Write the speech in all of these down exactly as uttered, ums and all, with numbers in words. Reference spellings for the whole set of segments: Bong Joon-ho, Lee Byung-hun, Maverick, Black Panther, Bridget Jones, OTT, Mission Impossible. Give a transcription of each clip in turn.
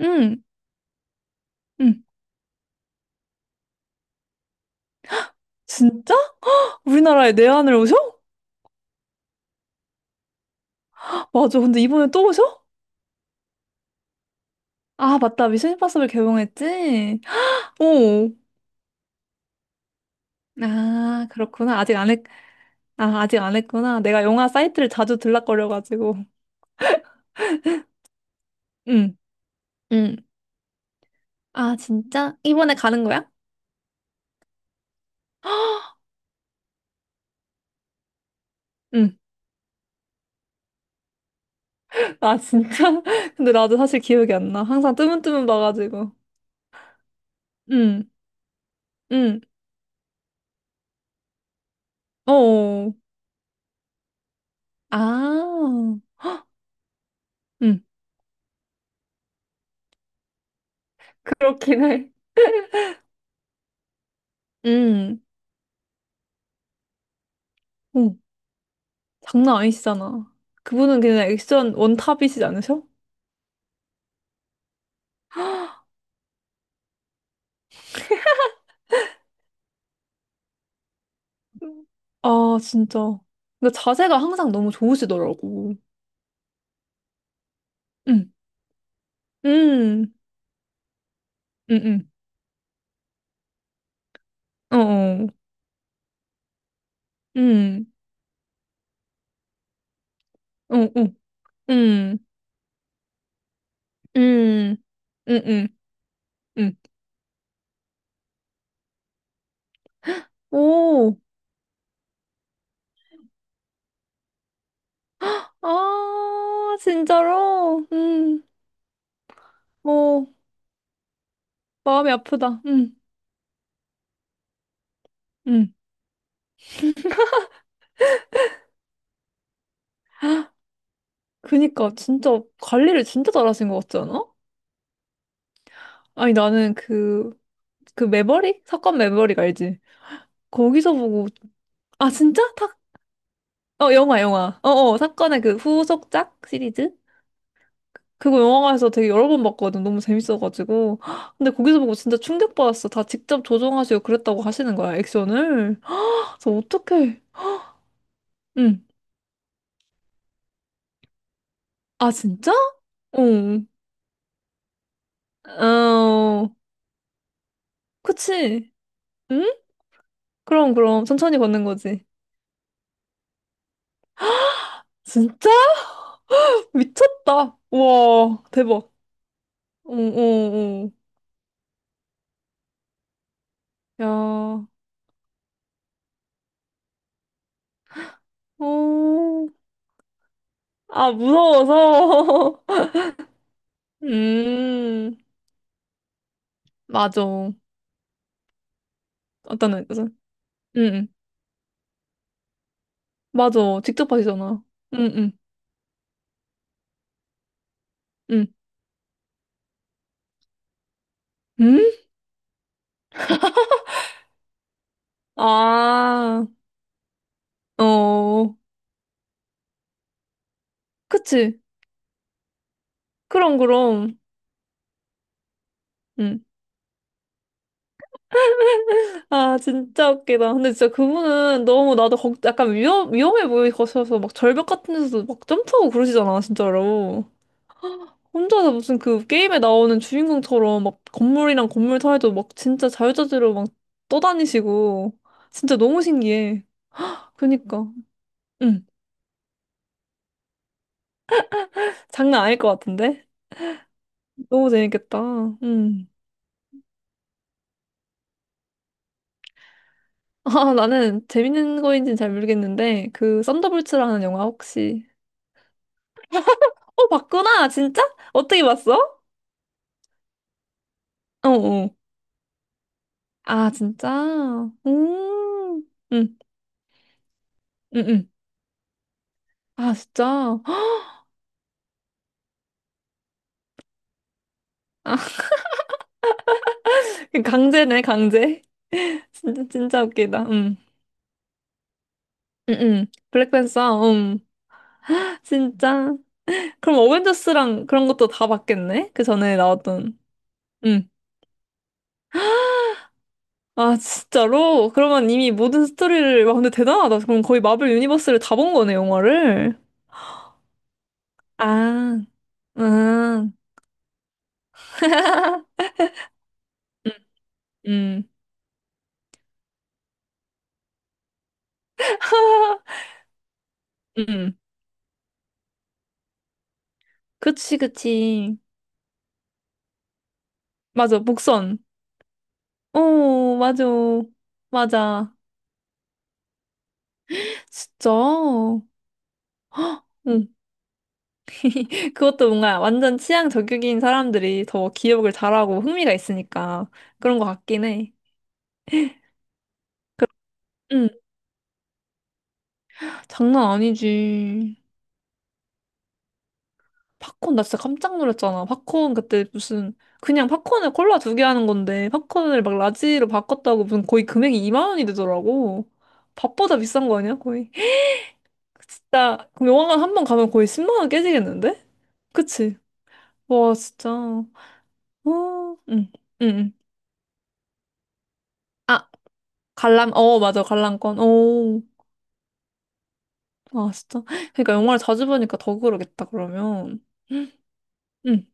응, 응. 진짜? 우리나라에 내한을 오셔? 맞아. 근데 이번에 또 오셔? 아, 맞다. 미션 임파서블 개봉했지? 오. 아, 그렇구나. 아직 안 했, 아, 아직 안 했구나. 내가 영화 사이트를 자주 들락거려가지고. 응, 응. 아, 진짜? 이번에 가는 거야? 응. 아, 진짜? 근데 나도 사실 기억이 안 나. 항상 뜨문뜨문 봐가지고. 응, 응. 어. 아. 응. 그렇긴 해. 응. 어. 장난 아니시잖아. 그분은 그냥 액션 원탑이시지 않으셔? 음. 아, 진짜. 근 자세가 항상 너무 좋으시더라고. 응, 응, 응, 응, 어어, 응, 어어, 응, 응, 응, 응, 응. 오, 아, 진짜로? 응, 어, 마음이 아프다. 응, 응. 그니까, 진짜, 관리를 진짜 잘하신 것 같지 않아? 아니, 나는 그, 그 매버릭? 사건 매버릭 알지? 거기서 보고 아, 진짜? 탁, 어, 영화, 영화. 어, 어, 사건의 그 후속작 시리즈? 그거 영화관에서 되게 여러 번 봤거든. 너무 재밌어가지고. 헉, 근데 거기서 보고 진짜 충격받았어. 다 직접 조정하시고 그랬다고 하시는 거야, 액션을. 헉, 그래서 어떡해. 응. 아, 진짜? 응. 어, 그치. 응? 그럼, 그럼. 천천히 걷는 거지. 진짜? 미쳤다. 우와, 대박. 응, 응, 응. 야, 어, 아, 무서워서. 음, 맞아. 어떤 애거 응, 응. 맞아. 직접 하시잖아. 응, 응, 응. 응? 아, 어, 그치. 그럼, 그럼. 응. 아, 진짜 웃기다. 근데 진짜 그분은 너무 나도 걱, 약간 위험, 위험해 보이셔서 막 절벽 같은 데서도 막 점프하고 그러시잖아, 진짜로. 혼자서 무슨 그 게임에 나오는 주인공처럼 막 건물이랑 건물 사이도 막 진짜 자유자재로 막 떠다니시고. 진짜 너무 신기해. 그니까. 응. 장난 아닐 것 같은데? 너무 재밌겠다. 음. 아, 나는 재밌는 거인지는 잘 모르겠는데, 그, 썬더볼츠라는 영화 혹시. 어, 봤구나! 진짜? 어떻게 봤어? 어, 어. 아, 진짜? 음. 음, 응 응. 아, 진짜? 아, 강제네, 강제. 진짜, 진짜 웃기다. 음. 응 응. 블랙팬서, 음. 진짜. 그럼 어벤져스랑 그런 것도 다 봤겠네? 그 전에 나왔던. 음. 아, 진짜로? 그러면 이미 모든 스토리를, 와, 근데 대단하다. 그럼 거의 마블 유니버스를 다 본 거네, 영화를. 아, 아, 음, 음. 그치, 그치. 맞아, 복선. 오, 맞아. 맞아. 진짜? 응. 그것도 뭔가 완전 취향 저격인 사람들이 더 기억을 잘하고 흥미가 있으니까 그런 것 같긴 해. 응, 장난 아니지. 팝콘 나 진짜 깜짝 놀랐잖아. 팝콘 그때 무슨 그냥 팝콘에 콜라 두 개 하는 건데 팝콘을 막 라지로 바꿨다고 무슨 거의 금액이 이만 원이 되더라고. 밥보다 비싼 거 아니야 거의? 진짜 그럼 영화관 한 번 가면 거의 십만 원 깨지겠는데? 그치? 와 진짜. 어, 응, 응, 응. 아 관람 어 맞아 관람권. 오, 아 진짜. 그러니까 영화를 자주 보니까 더 그러겠다 그러면. 응.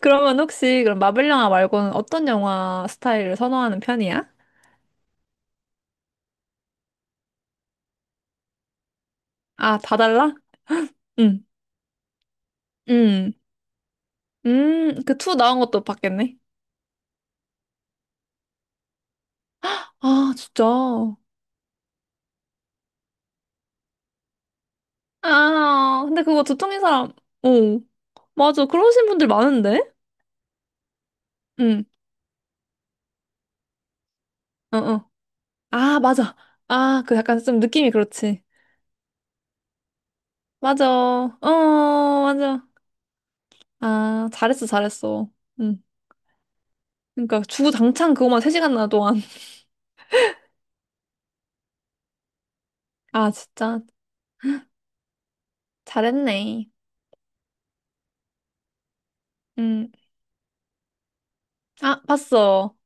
그러면 혹시 그럼 마블 영화 말고는 어떤 영화 스타일을 선호하는 편이야? 아, 다 달라? 응, 응, 음, 그 투 나온 것도 봤겠네. 아, 진짜. 아, 근데 그거 두통인 사람, 오, 맞아. 그러신 분들 많은데? 응, 어, 어. 아, 맞아. 아, 그 약간 좀 느낌이 그렇지. 맞아. 어, 맞아. 아, 잘했어, 잘했어. 응. 그러니까 주구장창 그거만 세 시간이나 동안. 아, 진짜. 잘했네. 응. 아, 봤어.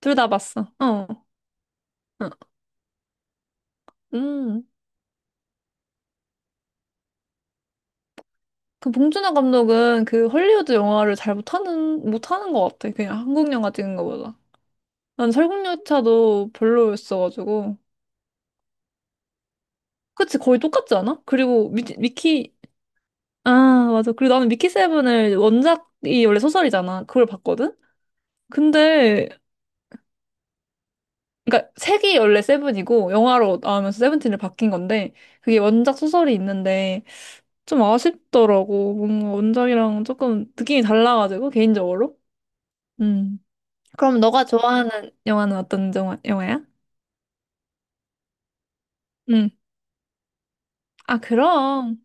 둘 다 봤어. 어, 어, 음. 그 봉준호 감독은 그 헐리우드 영화를 잘 못하는, 못하는 것 같아. 그냥 한국 영화 찍는 것보다. 난 설국열차도 별로였어가지고. 그치, 거의 똑같지 않아? 그리고 미, 미키, 아, 맞아. 그리고 나는 미키 세븐을 원작이 원래 소설이잖아. 그걸 봤거든? 근데, 그니까 색이 원래 세븐이고, 영화로 나오면서 세븐틴을 바뀐 건데, 그게 원작 소설이 있는데, 좀 아쉽더라고. 뭔가 원작이랑 조금 느낌이 달라가지고, 개인적으로. 음. 그럼 너가 좋아하는 영화는 어떤 영화, 영화야? 응. 아, 그럼.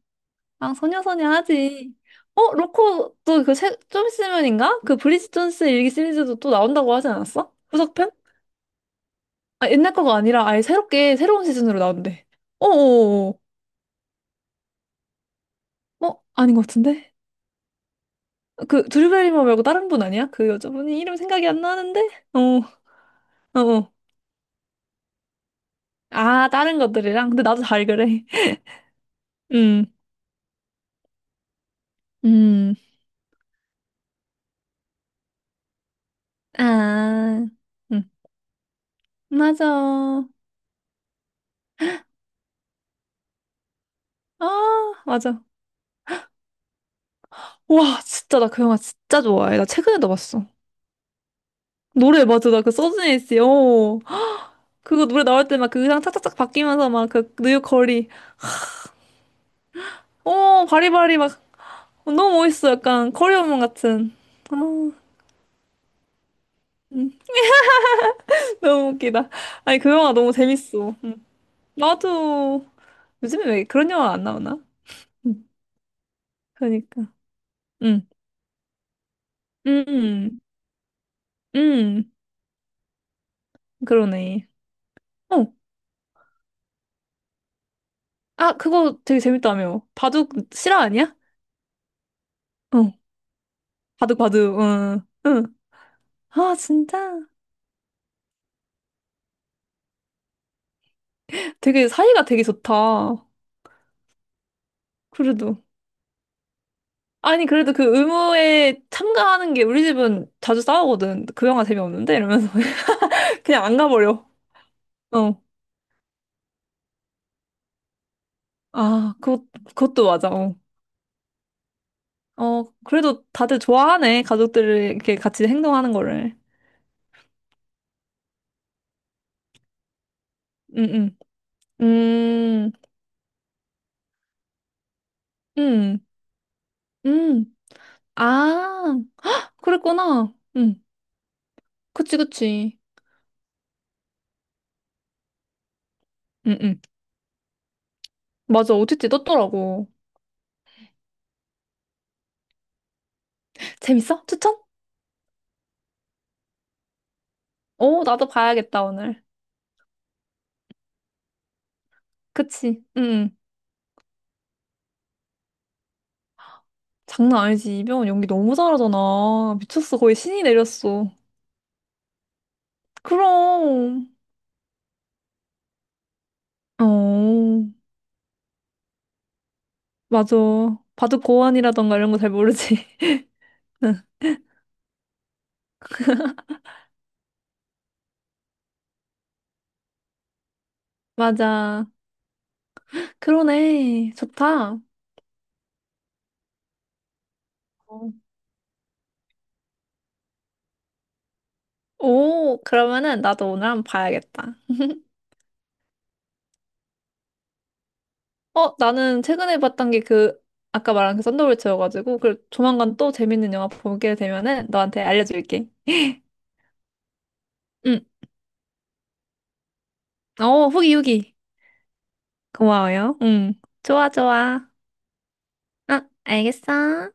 아, 소녀소녀 하지. 어, 로코 또그좀 있으면인가? 그 브리짓 존스 일기 시리즈도 또 나온다고 하지 않았어? 후속편? 아, 옛날 거가 아니라 아예 새롭게 새로운 시즌으로 나온대. 어어어. 어, 어, 어. 어, 아닌 것 같은데? 그 드류 베리머 말고 다른 분 아니야? 그 여자분이 이름 생각이 안 나는데? 어, 어어. 아, 다른 것들이랑? 근데 나도 잘 그래. 음, 음. 아, 음. 맞아. 아, 맞아. 와, 진짜 나 그 영화 진짜 좋아해. 나 최근에도 봤어. 노래 맞아. 나 그 서준이 씨. 어. 그거 노래 나올 때 막 그 의상 착착착 바뀌면서 막 그 뉴욕 거리. 어, 바리바리 막 어, 너무 멋있어. 약간 커리어몬 같은. 아, 음, 너무 웃기다. 아니 그 영화 너무 재밌어. 음. 나도 요즘에 왜 그런 영화 안 나오나? 음, 그러니까. 음. 음. 음. 음. 그러네. 어. 아, 그거 되게 재밌다며. 바둑 실화 아니야? 어. 바둑바둑, 응, 응. 아, 진짜? 되게 사이가 되게 좋다. 그래도. 아니, 그래도 그 의무에 참가하는 게 우리 집은 자주 싸우거든. 그 영화 재미없는데? 이러면서. 그냥 안 가버려. 어. 아, 그것, 그것도 맞아. 어. 어, 그래도 다들 좋아하네. 가족들이 이렇게 같이 행동하는 거를. 응, 응. 음, 음, 음. 아, 그랬구나. 응. 그치, 그치. 응, 응. 맞아. 오 티 티 떴더라고. 재밌어? 추천? 어, 나도 봐야겠다, 오늘. 그치? 응. 응. 장난 아니지. 이병헌 연기 너무 잘하잖아. 미쳤어. 거의 신이 내렸어. 그럼. 어, 맞아. 바둑 고환이라던가 이런 거 잘 모르지. 응, 맞아. 그러네. 좋다. 어. 오, 그러면은 나도 오늘 한번 봐야겠다. 어, 나는 최근에 봤던 게 그, 아까 말한 그 썬더볼츠여가지고, 그 조만간 또 재밌는 영화 보게 되면은 너한테 알려줄게. 응. 어, 후기, 후기. 고마워요. 응. 좋아, 좋아. 아, 알겠어.